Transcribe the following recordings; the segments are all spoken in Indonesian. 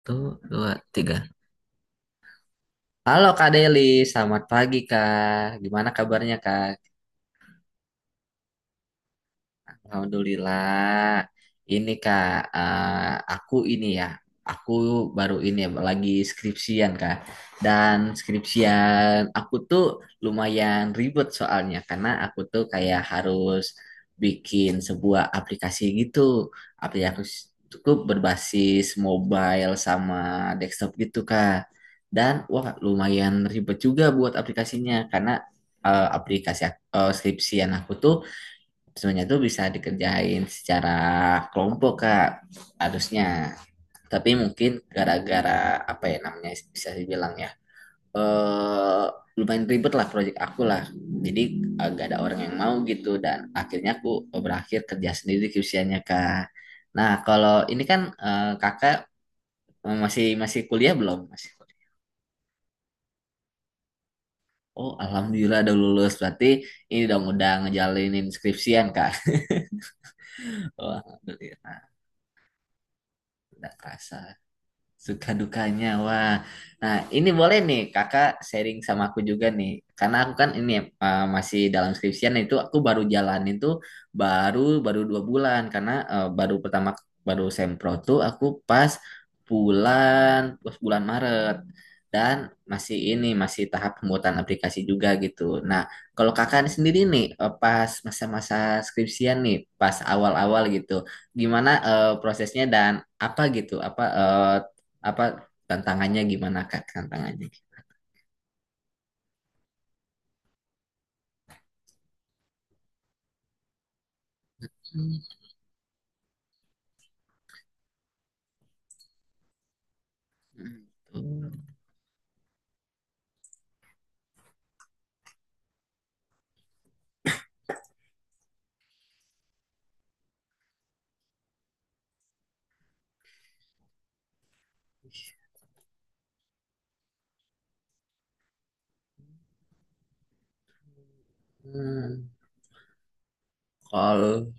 Satu, dua, tiga. Halo Kak Deli, selamat pagi Kak. Gimana kabarnya Kak? Alhamdulillah. Ini Kak, aku ini ya, aku baru ini ya, lagi skripsian Kak. Dan skripsian aku tuh lumayan ribet soalnya karena aku tuh kayak harus bikin sebuah aplikasi gitu. Aplikasi cukup berbasis mobile sama desktop gitu Kak. Dan wah lumayan ribet juga buat aplikasinya karena skripsian aku tuh sebenarnya itu bisa dikerjain secara kelompok kak harusnya, tapi mungkin gara-gara apa ya namanya bisa dibilang ya, eh lumayan ribet lah proyek aku lah, jadi agak ada orang yang mau gitu dan akhirnya aku berakhir kerja sendiri QC-nya kak. Nah kalau ini kan, kakak masih masih kuliah belum masih kuliah. Oh, alhamdulillah udah lulus. Berarti ini dong udah ngejalanin skripsian, Kak. Oh, alhamdulillah. Udah kerasa. Suka dukanya, wah. Nah, ini boleh nih kakak sharing sama aku juga nih. Karena aku kan ini, masih dalam skripsian itu aku baru jalanin tuh baru baru dua bulan karena baru pertama baru sempro tuh aku pas bulan pas bulan Maret, dan masih ini masih tahap pembuatan aplikasi juga gitu. Nah, kalau kakak sendiri nih, pas masa-masa skripsian nih pas awal-awal gitu, gimana prosesnya dan apa gitu apa eh, apa tantangannya gimana kak tantangannya. Hmm, gitu. Hmm, kalau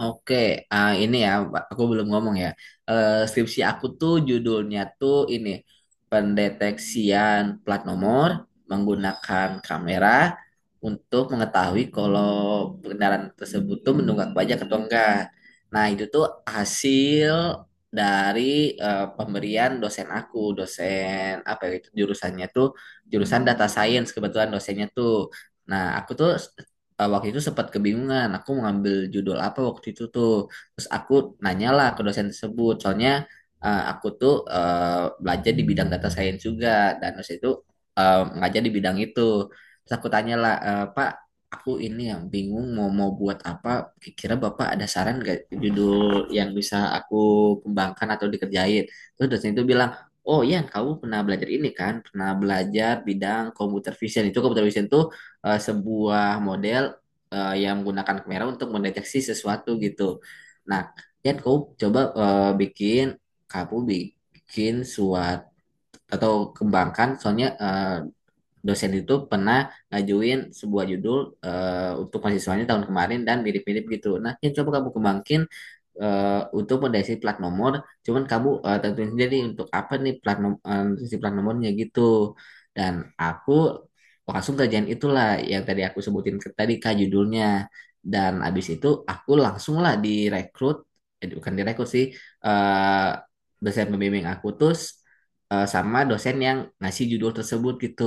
Oke, ini ya, aku belum ngomong ya. Skripsi aku tuh judulnya tuh ini, pendeteksian plat nomor menggunakan kamera untuk mengetahui kalau kendaraan tersebut tuh menunggak pajak atau enggak. Nah, itu tuh hasil dari pemberian dosen aku, dosen apa ya itu jurusannya tuh jurusan data science kebetulan dosennya tuh. Nah, aku tuh waktu itu sempat kebingungan aku mau ngambil judul apa waktu itu tuh, terus aku nanyalah ke dosen tersebut soalnya aku tuh belajar di bidang data science juga, dan terus itu ngajar di bidang itu. Terus aku tanyalah, "Eh, Pak, aku ini yang bingung mau mau buat apa, kira Bapak ada saran gak judul yang bisa aku kembangkan atau dikerjain." Terus dosen itu bilang, "Oh iya, kamu pernah belajar ini kan? Pernah belajar bidang computer vision. Itu computer vision tuh sebuah model yang menggunakan kamera untuk mendeteksi sesuatu gitu. Nah, Jan, kau coba kamu bikin suatu atau kembangkan, soalnya dosen itu pernah ngajuin sebuah judul untuk mahasiswanya tahun kemarin dan mirip-mirip gitu. Nah, ya coba kamu kembangkin untuk potensi plat nomor, cuman kamu tentuin sendiri untuk apa nih si plat nomornya gitu." Dan aku langsung kerjaan itulah yang tadi aku sebutin ke tadi kak judulnya. Dan abis itu aku langsung lah direkrut, eh, bukan direkrut sih, eh, dosen pembimbing aku terus sama dosen yang ngasih judul tersebut gitu.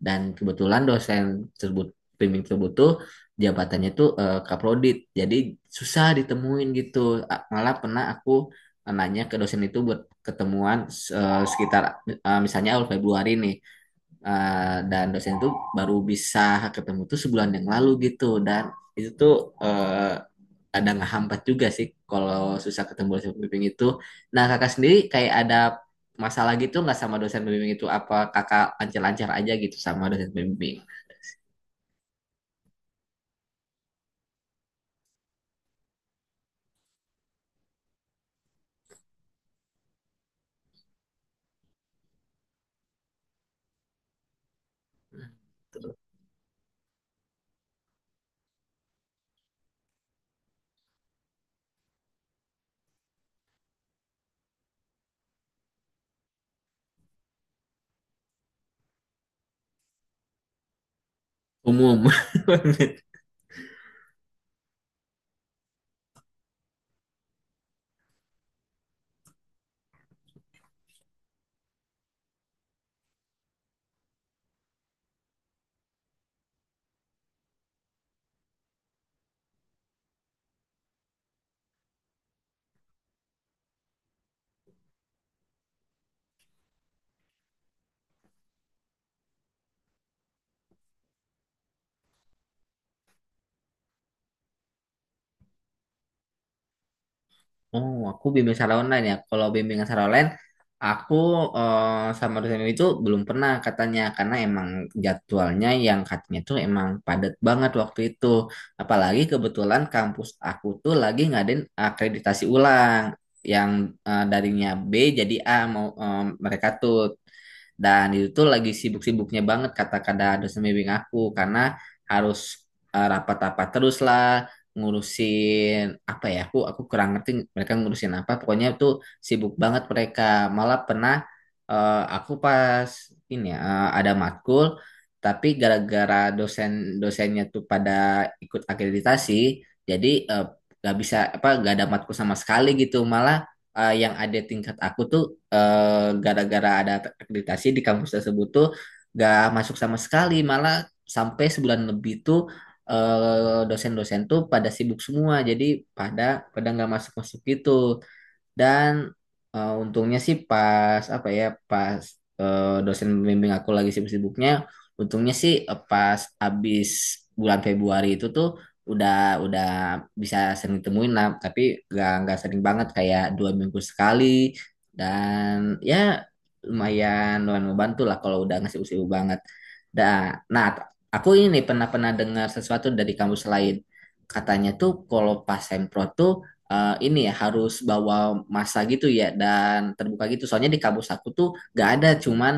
Dan kebetulan dosen tersebut pembimbing tersebut tuh jabatannya tuh kaprodit, jadi susah ditemuin gitu. Malah pernah aku nanya ke dosen itu buat ketemuan sekitar misalnya awal Februari nih. Dan dosen itu baru bisa ketemu tuh sebulan yang lalu gitu, dan itu tuh ada ngehambat juga sih kalau susah ketemu dosen pembimbing itu. Nah kakak sendiri kayak ada masalah gitu nggak sama dosen pembimbing itu, apa kakak lancar-lancar aja gitu sama dosen pembimbing umum? Oh, aku bimbing secara online ya. Kalau bimbingan secara online, aku eh, sama dosen itu belum pernah katanya karena emang jadwalnya yang katanya tuh emang padat banget waktu itu. Apalagi kebetulan kampus aku tuh lagi ngadain akreditasi ulang yang darinya B jadi A mau mereka tuh. Dan itu tuh lagi sibuk-sibuknya banget kata kata dosen bimbing aku karena harus rapat-rapat terus lah ngurusin apa ya, aku kurang ngerti mereka ngurusin apa, pokoknya tuh sibuk banget mereka. Malah pernah aku pas ini ya ada matkul tapi gara-gara dosen-dosennya tuh pada ikut akreditasi, jadi nggak bisa apa nggak ada matkul sama sekali gitu. Malah yang ada tingkat aku tuh gara-gara ada akreditasi di kampus tersebut tuh gak masuk sama sekali malah, sampai sebulan lebih tuh dosen-dosen tuh pada sibuk semua jadi pada pada nggak masuk-masuk gitu. Dan untungnya sih pas apa ya, pas dosen pembimbing aku lagi sibuk-sibuknya, untungnya sih pas abis bulan Februari itu tuh udah udah bisa sering temuin lah, tapi gak nggak sering banget kayak dua minggu sekali. Dan ya lumayan lumayan membantu lah kalau udah ngasih sibuk banget. Nah, nah, aku ini pernah pernah dengar sesuatu dari kampus lain. Katanya tuh kalau pas sempro tuh ini ya harus bawa masa gitu ya dan terbuka gitu. Soalnya di kampus aku tuh gak ada, cuman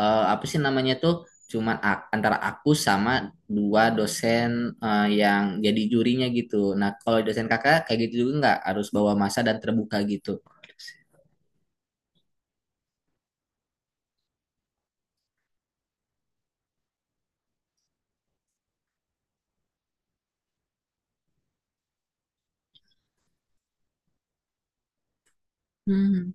apa sih namanya tuh, cuman antara aku sama dua dosen yang jadi jurinya gitu. Nah kalau dosen kakak kayak gitu juga nggak harus bawa masa dan terbuka gitu. Hmm.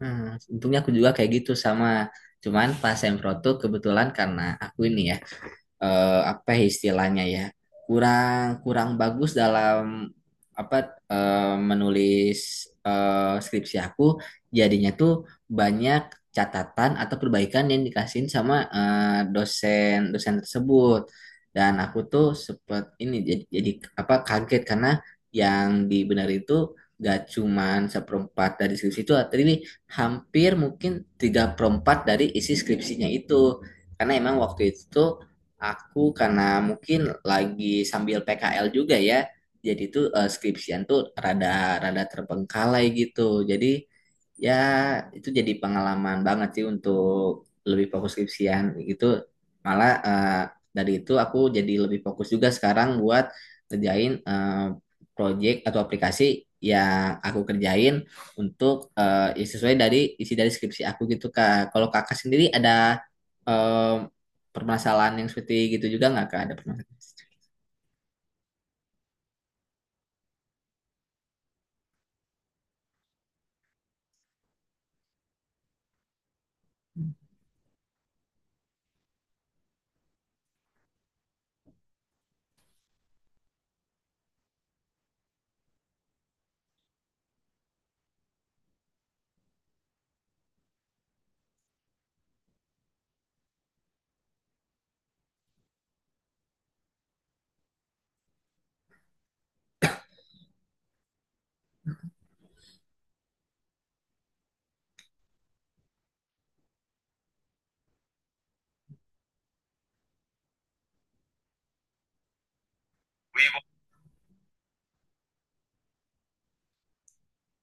Hmm, untungnya aku juga kayak gitu sama. Cuman pas sempro tuh kebetulan karena aku ini ya apa ya istilahnya ya, kurang kurang bagus dalam apa menulis skripsi aku, jadinya tuh banyak catatan atau perbaikan yang dikasihin sama dosen dosen tersebut. Dan aku tuh sempet ini jadi apa kaget karena yang dibenerin itu gak cuman seperempat dari skripsi itu, tapi hampir mungkin tiga perempat dari isi skripsinya itu karena emang waktu itu tuh aku karena mungkin lagi sambil PKL juga ya, jadi tuh skripsian tuh rada rada terbengkalai gitu. Jadi ya itu jadi pengalaman banget sih untuk lebih fokus skripsian gitu. Malah dari itu aku jadi lebih fokus juga sekarang buat kerjain project atau aplikasi yang aku kerjain untuk ya sesuai dari isi dari skripsi aku gitu Kak. Kalau Kakak sendiri ada eh, permasalahan yang seperti gitu juga nggak kak ada permasalahan?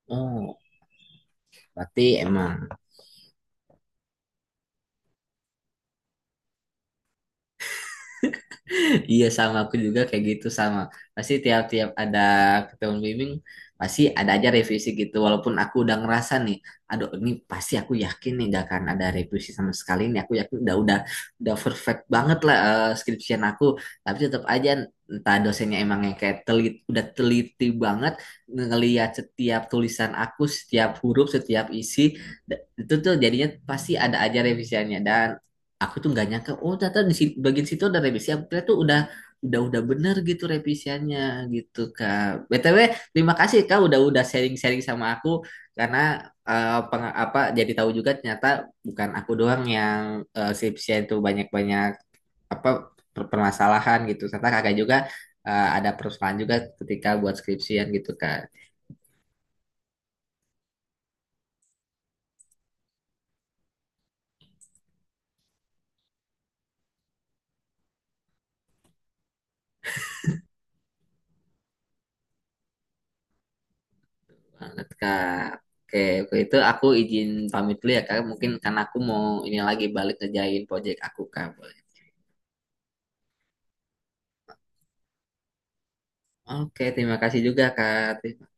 Oh, berarti emang iya sama aku juga kayak gitu sama. Pasti tiap-tiap ada ketemu bimbing pasti ada aja revisi gitu. Walaupun aku udah ngerasa nih, aduh ini pasti aku yakin nih gak akan ada revisi sama sekali nih. Aku yakin udah udah perfect banget lah skripsian aku. Tapi tetap aja entah dosennya emang yang kayak telit, udah teliti banget ngelihat setiap tulisan aku, setiap huruf, setiap isi. Itu tuh jadinya pasti ada aja revisiannya. Dan aku tuh nggak nyangka oh ternyata di bagian situ ada revisi, aku kira tuh udah udah bener gitu revisiannya gitu kak. BTW terima kasih kak udah sharing-sharing sama aku karena eh, peng- apa jadi tahu juga ternyata bukan aku doang yang skripsian tuh banyak-banyak apa permasalahan gitu, ternyata kakak juga ada permasalahan juga ketika buat skripsian gitu kak. Banget kak. Oke, oke, itu aku izin pamit dulu ya kak. Mungkin karena aku mau ini lagi balik ngejain project aku kak. Oke, terima kasih juga Kak.